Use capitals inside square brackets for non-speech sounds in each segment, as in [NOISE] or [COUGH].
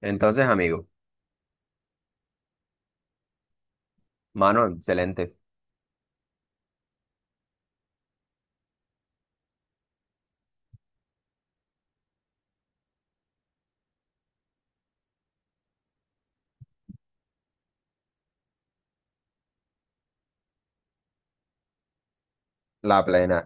Entonces, amigo, mano, excelente. La plena.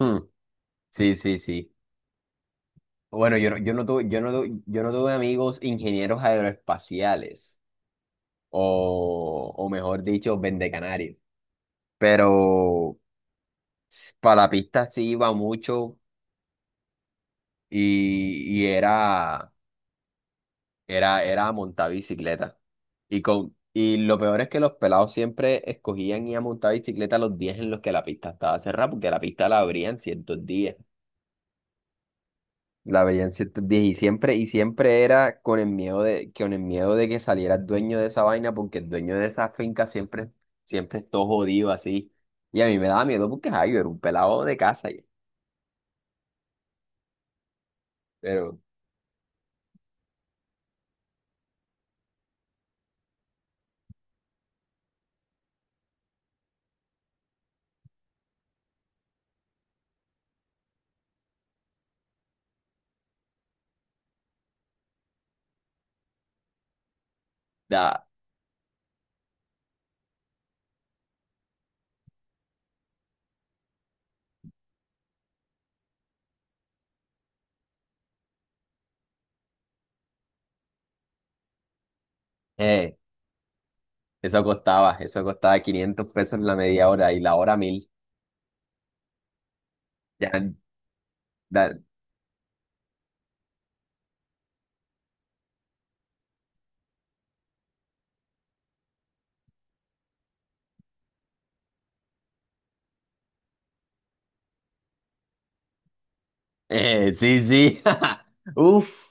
Mm, sí, sí, sí. Bueno, yo no tuve, yo no tuve amigos ingenieros aeroespaciales, o mejor dicho, vendecanarios. Pero para la pista sí iba mucho y era, era montar bicicleta. Y, con, y lo peor es que los pelados siempre escogían ir a montar bicicleta los días en los que la pista estaba cerrada, porque la pista la abrían ciertos días. La veía en ciertos días y siempre era con el miedo de, con el miedo de que saliera el dueño de esa vaina, porque el dueño de esa finca siempre, siempre es todo jodido así. Y a mí me daba miedo porque ay, yo era un pelado de casa. Ya, pero da, eh, eso costaba 500 pesos la media hora y la hora mil. Ya, da- sí, sí. [LAUGHS] Uf,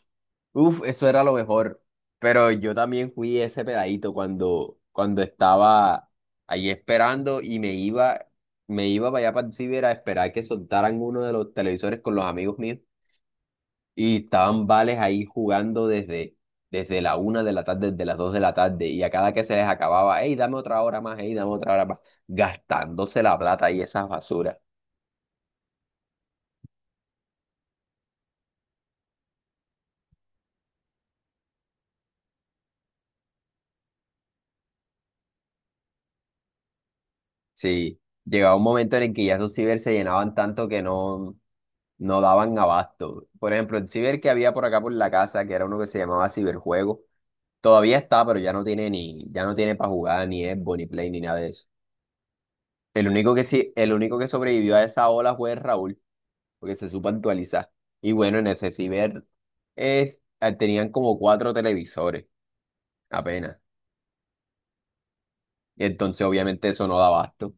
uf, eso era lo mejor. Pero yo también fui ese pedadito cuando, cuando estaba ahí esperando y me iba para allá para el ciber a esperar que soltaran uno de los televisores con los amigos míos. Y estaban vales ahí jugando desde, desde la 1 de la tarde, desde las 2 de la tarde. Y a cada que se les acababa, hey, dame otra hora más, hey, dame otra hora más. Gastándose la plata y esas basuras. Sí, llegaba un momento en el que ya esos ciber se llenaban tanto que no, no daban abasto. Por ejemplo, el ciber que había por acá por la casa, que era uno que se llamaba Ciberjuego, todavía está, pero ya no tiene ni, ya no tiene para jugar ni Xbox, ni Play, ni nada de eso. El único que sí, el único que sobrevivió a esa ola fue Raúl, porque se supo actualizar. Y bueno, en ese ciber tenían como cuatro televisores apenas. Y entonces obviamente eso no da abasto.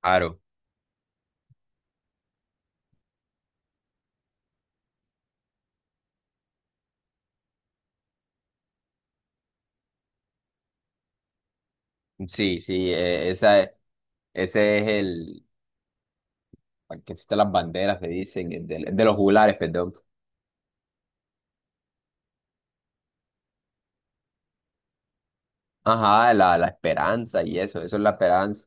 Claro. Sí, sí, esa, ese es el, al que existen las banderas, le dicen, el de los juglares, perdón. Ajá, la esperanza y eso es la esperanza.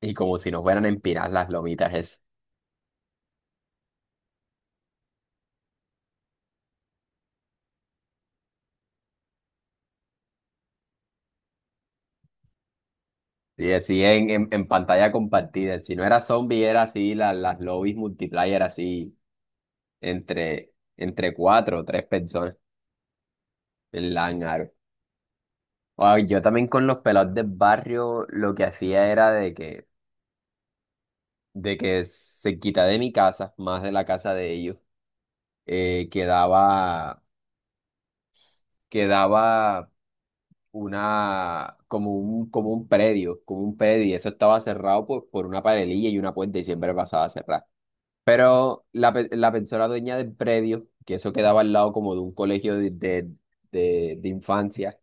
Y como si nos fueran a empinar las lomitas esas. Y así en pantalla compartida. Si no era zombie, era así, la- las lobbies multiplayer así, entre, entre cuatro o tres personas en Langar. Ay, yo también con los pelados del barrio lo que hacía era de que se quita de mi casa, más de la casa de ellos, quedaba, quedaba una, como un predio, y eso estaba cerrado por una paredilla y una puerta y siempre pasaba a cerrar. Pero la, pe- la persona dueña del predio, que eso quedaba al lado como de un colegio de infancia,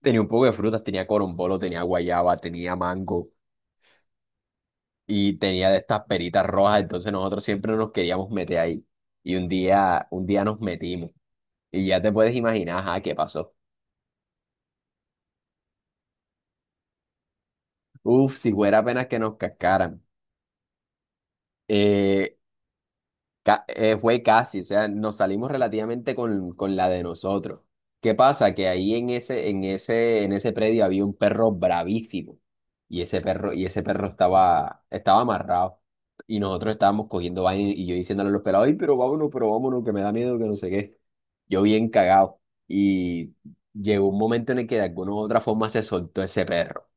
tenía un poco de frutas, tenía corombolo, tenía guayaba, tenía mango y tenía de estas peritas rojas, entonces nosotros siempre nos queríamos meter ahí. Y un día nos metimos y ya te puedes imaginar, ajá, qué pasó. Uf, si fuera apenas que nos cascaran. Eh, Ca- fue casi, o sea, nos salimos relativamente con la de nosotros. ¿Qué pasa? Que ahí en ese predio había un perro bravísimo. Y ese perro estaba, estaba amarrado. Y nosotros estábamos cogiendo vaina y yo diciéndole a los pelados, ay, pero vámonos, que me da miedo, que no sé qué. Yo bien cagado. Y llegó un momento en el que de alguna u otra forma se soltó ese perro.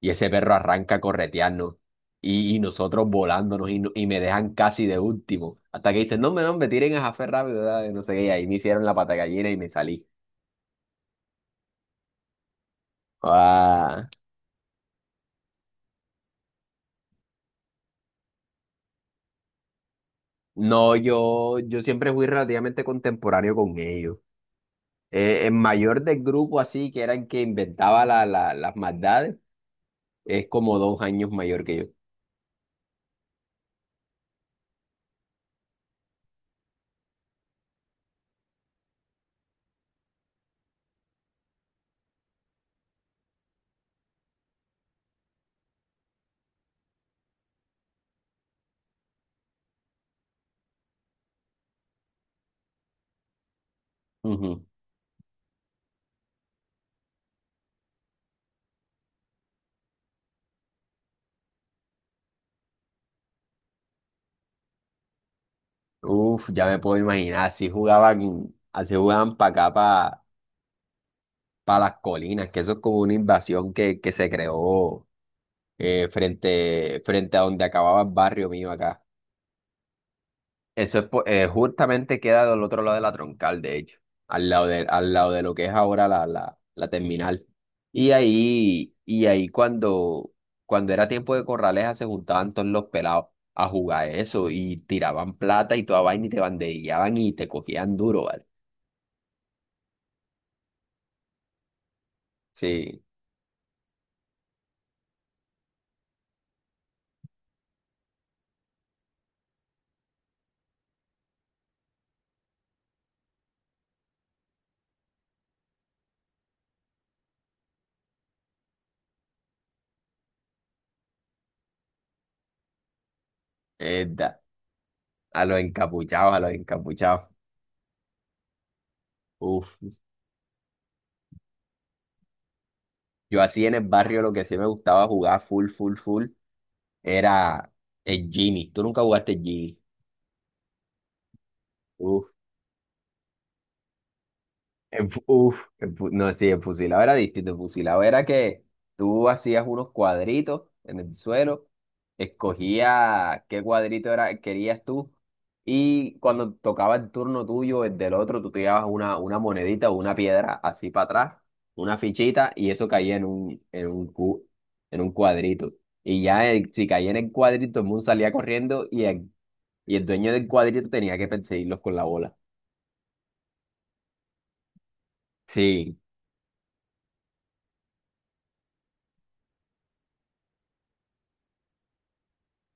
Y ese perro arranca a corretearnos. Y nosotros volándonos y, no- y me dejan casi de último. Hasta que dicen, no, hombre, no, me tiren a Jafé rápido, dale, no sé qué. Y ahí me hicieron la pata de gallina y me salí. Ah, no, yo siempre fui relativamente contemporáneo con ellos. El mayor del grupo así, que era el que inventaba la, la- las maldades, es como 2 años mayor que yo. Ujú. Uf, ya me puedo imaginar, así jugaban para acá, para las colinas, que eso es como una invasión que se creó frente, frente a donde acababa el barrio mío acá. Eso es, po- justamente queda del otro lado de la troncal, de hecho, al lado de lo que es ahora la terminal. Y ahí cuando, cuando era tiempo de corraleja se juntaban todos los pelados a jugar eso y tiraban plata y toda vaina y te banderillaban y te cogían duro, ¿vale? Sí, es da- a los encapuchados, a los encapuchados. Uf. Yo así en el barrio lo que sí me gustaba jugar full, full, full era el Genie. ¿Tú nunca jugaste el Genie? En, fu- uf, en fu- no, sí, en fusilado era distinto. En fusilado era que tú hacías unos cuadritos en el suelo, escogías qué cuadrito era, querías tú, y cuando tocaba el turno tuyo, el del otro, tú tirabas una monedita o una piedra así para atrás, una fichita, y eso caía en un, cu- en un cuadrito. Y ya el- si caía en el cuadrito, el mundo salía corriendo y el dueño del cuadrito tenía que perseguirlos con la bola. Sí,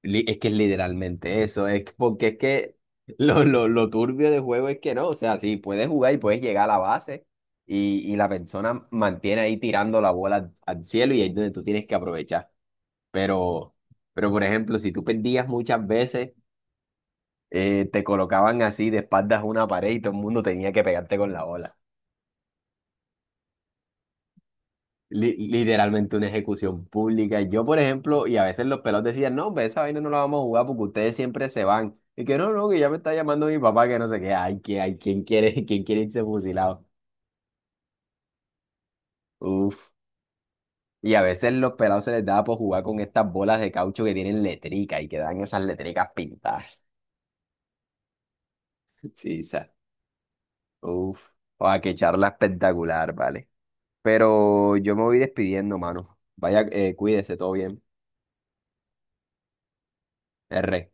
li- es que es literalmente eso, es que- porque es que lo turbio del juego es que no, o sea, sí, puedes jugar y puedes llegar a la base y la persona mantiene ahí tirando la bola al, al cielo y ahí es donde tú tienes que aprovechar. Pero, pero por ejemplo, si tú perdías muchas veces, te colocaban así de espaldas a una pared y todo el mundo tenía que pegarte con la bola. Li- literalmente una ejecución pública. Yo, por ejemplo, y a veces los pelados decían, no, hombre, esa vaina no la vamos a jugar porque ustedes siempre se van. Y que no, no, que ya me está llamando mi papá, que no sé qué. Ay, que, ay, ¿quién quiere, [LAUGHS] quién quiere irse fusilado? Uf. Y a veces los pelados se les daba por jugar con estas bolas de caucho que tienen letrica y que dan esas letricas pintadas. [LAUGHS] Sí, sa- Uf. A que charla espectacular, vale. Pero yo me voy despidiendo, mano. Vaya, cuídese, todo bien. R.